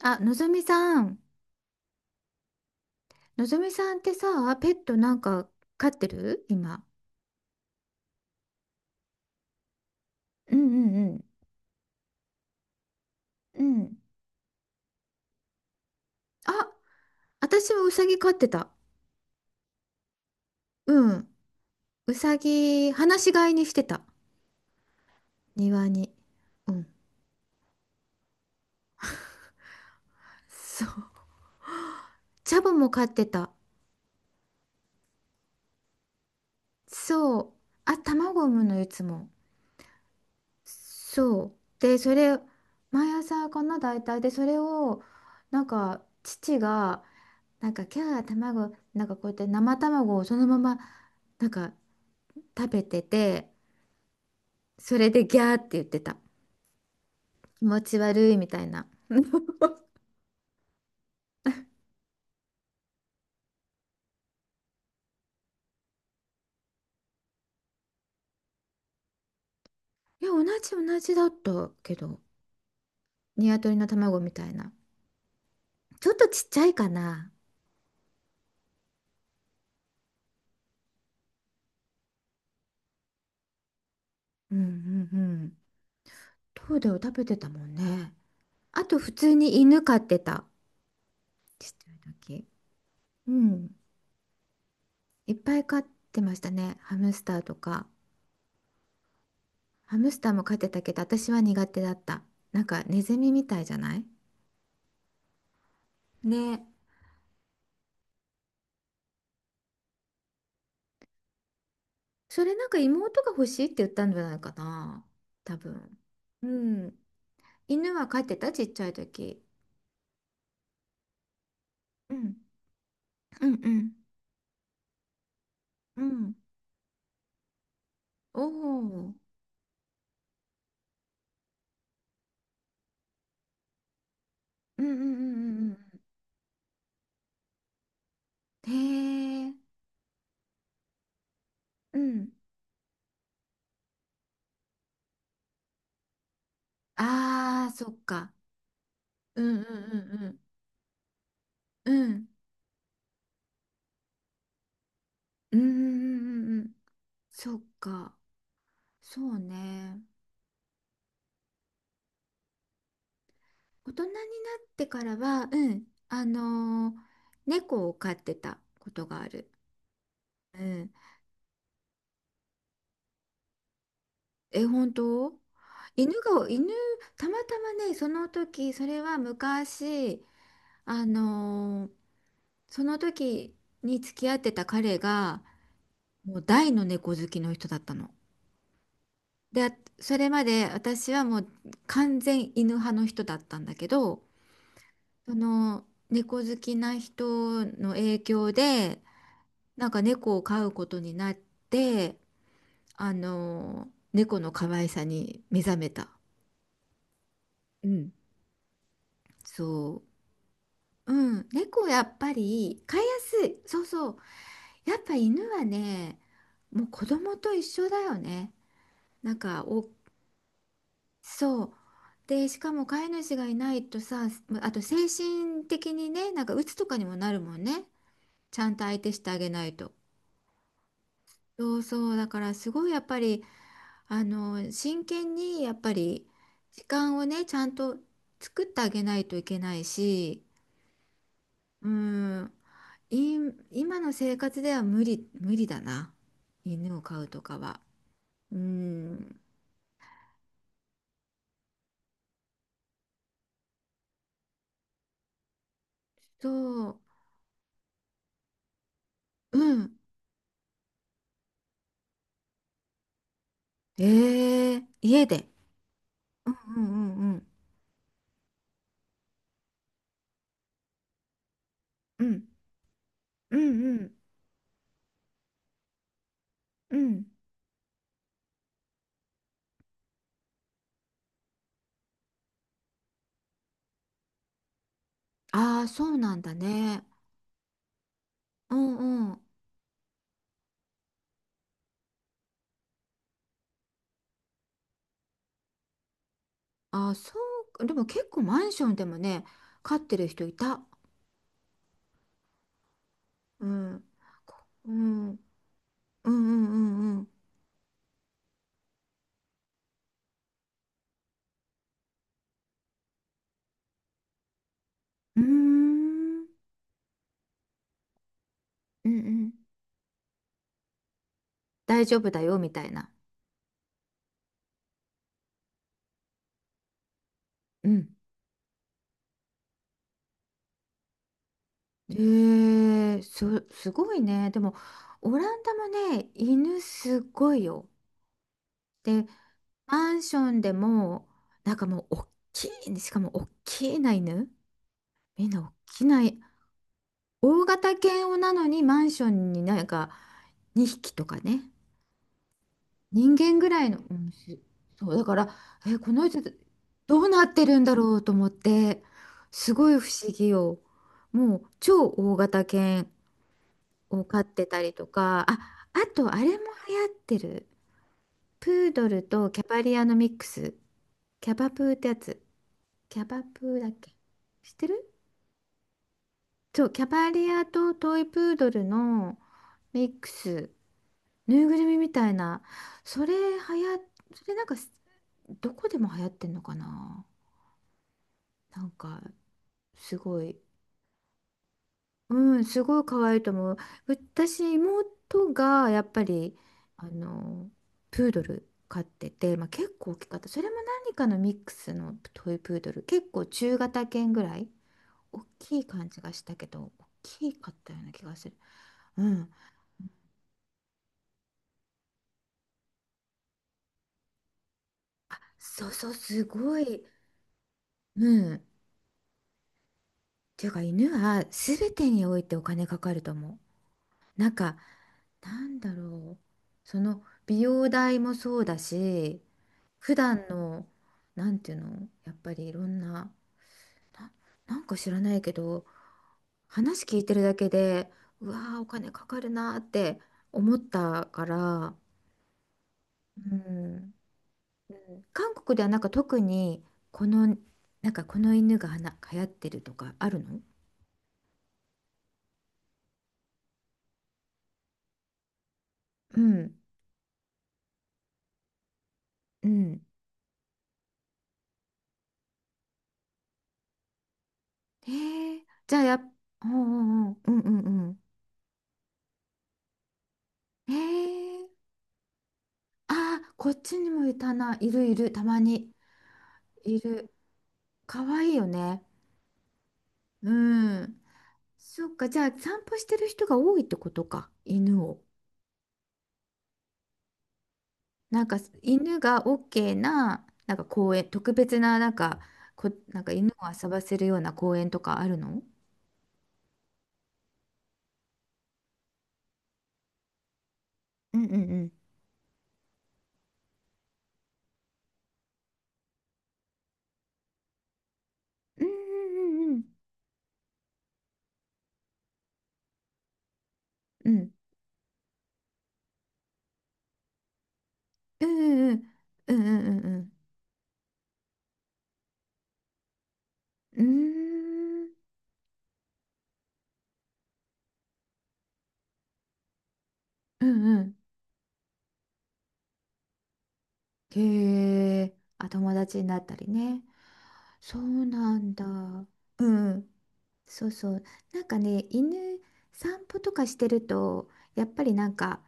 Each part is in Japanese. あ、のぞみさん。のぞみさんってさ、ペットなんか飼ってる今？うんうんうん。うん。あ、私はウサギ飼ってた。うん。ウサギ、放し飼いにしてた。庭に。うん。そう。チャボも飼ってた。そう。あ、卵産むのいつも。そう。で、それ、毎朝かな、大体。で、それを、なんか、父が、なんか、キャー、卵、なんかこうやって生卵をそのまま、なんか、食べてて、それでギャーって言ってた。気持ち悪いみたいな。いや、同じ同じだったけど、鶏の卵みたいな。ちょっとちっちゃいかな。うんうんうん。トーデを食べてたもんね。あと普通に犬飼ってた。ちっちゃい時。うん。いっぱい飼ってましたね。ハムスターとか。ハムスターも飼ってたけど、私は苦手だった。なんかネズミみたいじゃないね。それなんか妹が欲しいって言ったんじゃないかな。多分。うん。犬は飼ってたちっちゃい時。うん。うんうん。うん。おお。うんうんうんうんうん。へえ。うん。ああ、そっか。うんうんうんうん。うん。うんうんうんうん。そっか。そうね。大人になってからは、うん。猫を飼ってたことがある。うん、え、本当？犬、たまたまね、その時、それは昔、あのーその時に付き合ってた彼が、もう大の猫好きの人だったの。で、あ、それまで私はもう完全犬派の人だったんだけど、その猫好きな人の影響で、なんか猫を飼うことになって、猫の可愛さに目覚めた。うん、そう。うん、猫やっぱり飼いやすい。そうそう。やっぱ犬はね、もう子供と一緒だよね。なんかそう。で、しかも飼い主がいないとさ、あと精神的にね、なんか鬱とかにもなるもんね。ちゃんと相手してあげないと。そうそう。だからすごいやっぱり、真剣にやっぱり時間をね、ちゃんと作ってあげないといけないし、うん。い、今の生活では無理、無理だな。犬を飼うとかは。うん。そう。うん。ええ、家で。うんうんうん。うんうんうんうん。ああ、そうなんだね。うんうん。ああ、そう。でも結構マンションでもね、飼ってる人いた。うん。うん。うんうんうんうん。うーん。うんうん。大丈夫だよ、みたいな。うん。ええそ、すごいね。でも、オランダもね、犬すごいよ。で、マンションでも、なんかもう、おっきい、しかも、おっきいな犬。みんなおっきな、大型犬をなのに、マンションになんか、2匹とかね。人間ぐらいの、うん、そう、だから、え、この人、どうなってるんだろうと思って、すごい不思議よ。もう、超大型犬を飼ってたりとか、あ、あとあれも流行ってる。プードルとキャバリアのミックス。キャバプーってやつ。キャバプーだっけ？知ってる？そう、キャバリアとトイプードルのミックス。ぬいぐるみみたいな。それはやそれなんか、どこでも流行ってんのかな？なんか、すごい。うん、すごい可愛いと思う。私、妹がやっぱり、あの、プードル飼ってて、まあ、結構大きかった。それも何かのミックスのトイプードル。結構中型犬ぐらい。大きい感じがしたけど、大きかったような気がする。うん。そうそう、すごい。うん。っていうか、犬は全てにおいてお金かかると思う。なんか、なんだろう。その、美容代もそうだし、普段の、なんていうの、やっぱりいろんな、な、なんか知らないけど、話聞いてるだけで、うわー、お金かかるなーって思ったから、うん、うん、韓国ではなんか特に、この、なんかこの犬が流行ってるとかあるの？うん、うん。へえ、じゃあやっ、おうおうんうん、うんうんうん。へえ、あー、こっちにもいたな、いるいる、たまに、いる。かわいいよね。うん。そっか、じゃあ散歩してる人が多いってことか、犬を。なんか犬が OK な、なんか公園、特別な、なんか、なんか犬を遊ばせるような公園とかあるの？うんうんうん。うんうんうんうんうんうんうんうんうんうんうんうんうんうん、へえ、あ、友達になったりね。そうなんだ。うん。そうそう。なんかね、犬散歩とかしてると、やっぱりなんか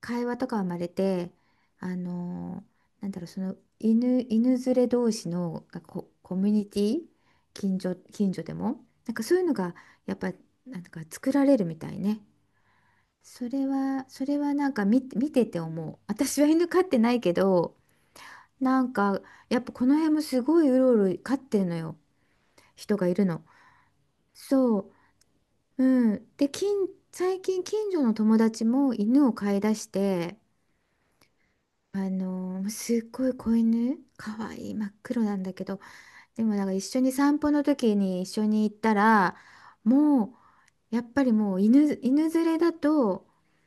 会話とか生まれて、あのーなんだろう、犬連れ同士のがこコミュニティ、近所、近所でも、なんかそういうのがやっぱなんか作られるみたいね。それは、それはなんか見てて思う。私は犬飼ってないけど、なんかやっぱこの辺もすごいうろうろ飼ってるのよ。人がいるの。そう。うん。で、最近近所の友達も犬を飼い出して、すっごい子犬、かわいい、真っ黒なんだけど、でもなんか一緒に散歩の時に一緒に行ったら、もう、やっぱりもう犬連れだと、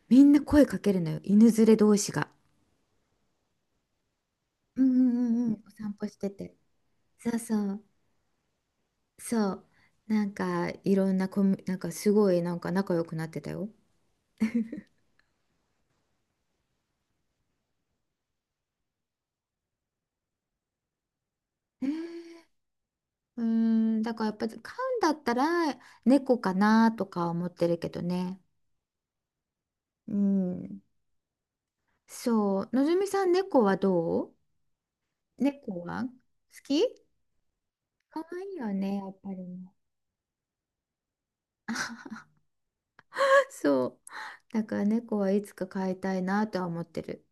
みんな声かけるのよ。犬連れ同士が。うんうんうんうん。お散歩してて。そうそう、そう。なんか、いろんなコミュ、なんかすごい、なんか仲良くなってたよ。えーうーん、だからやっぱり飼うんだったら猫かなとか思ってるけどね。うん。そう、のぞみさん猫はどう？猫は好き？かわいいよね、やっぱりね。そう。だから猫はいつか飼いたいなとは思ってる。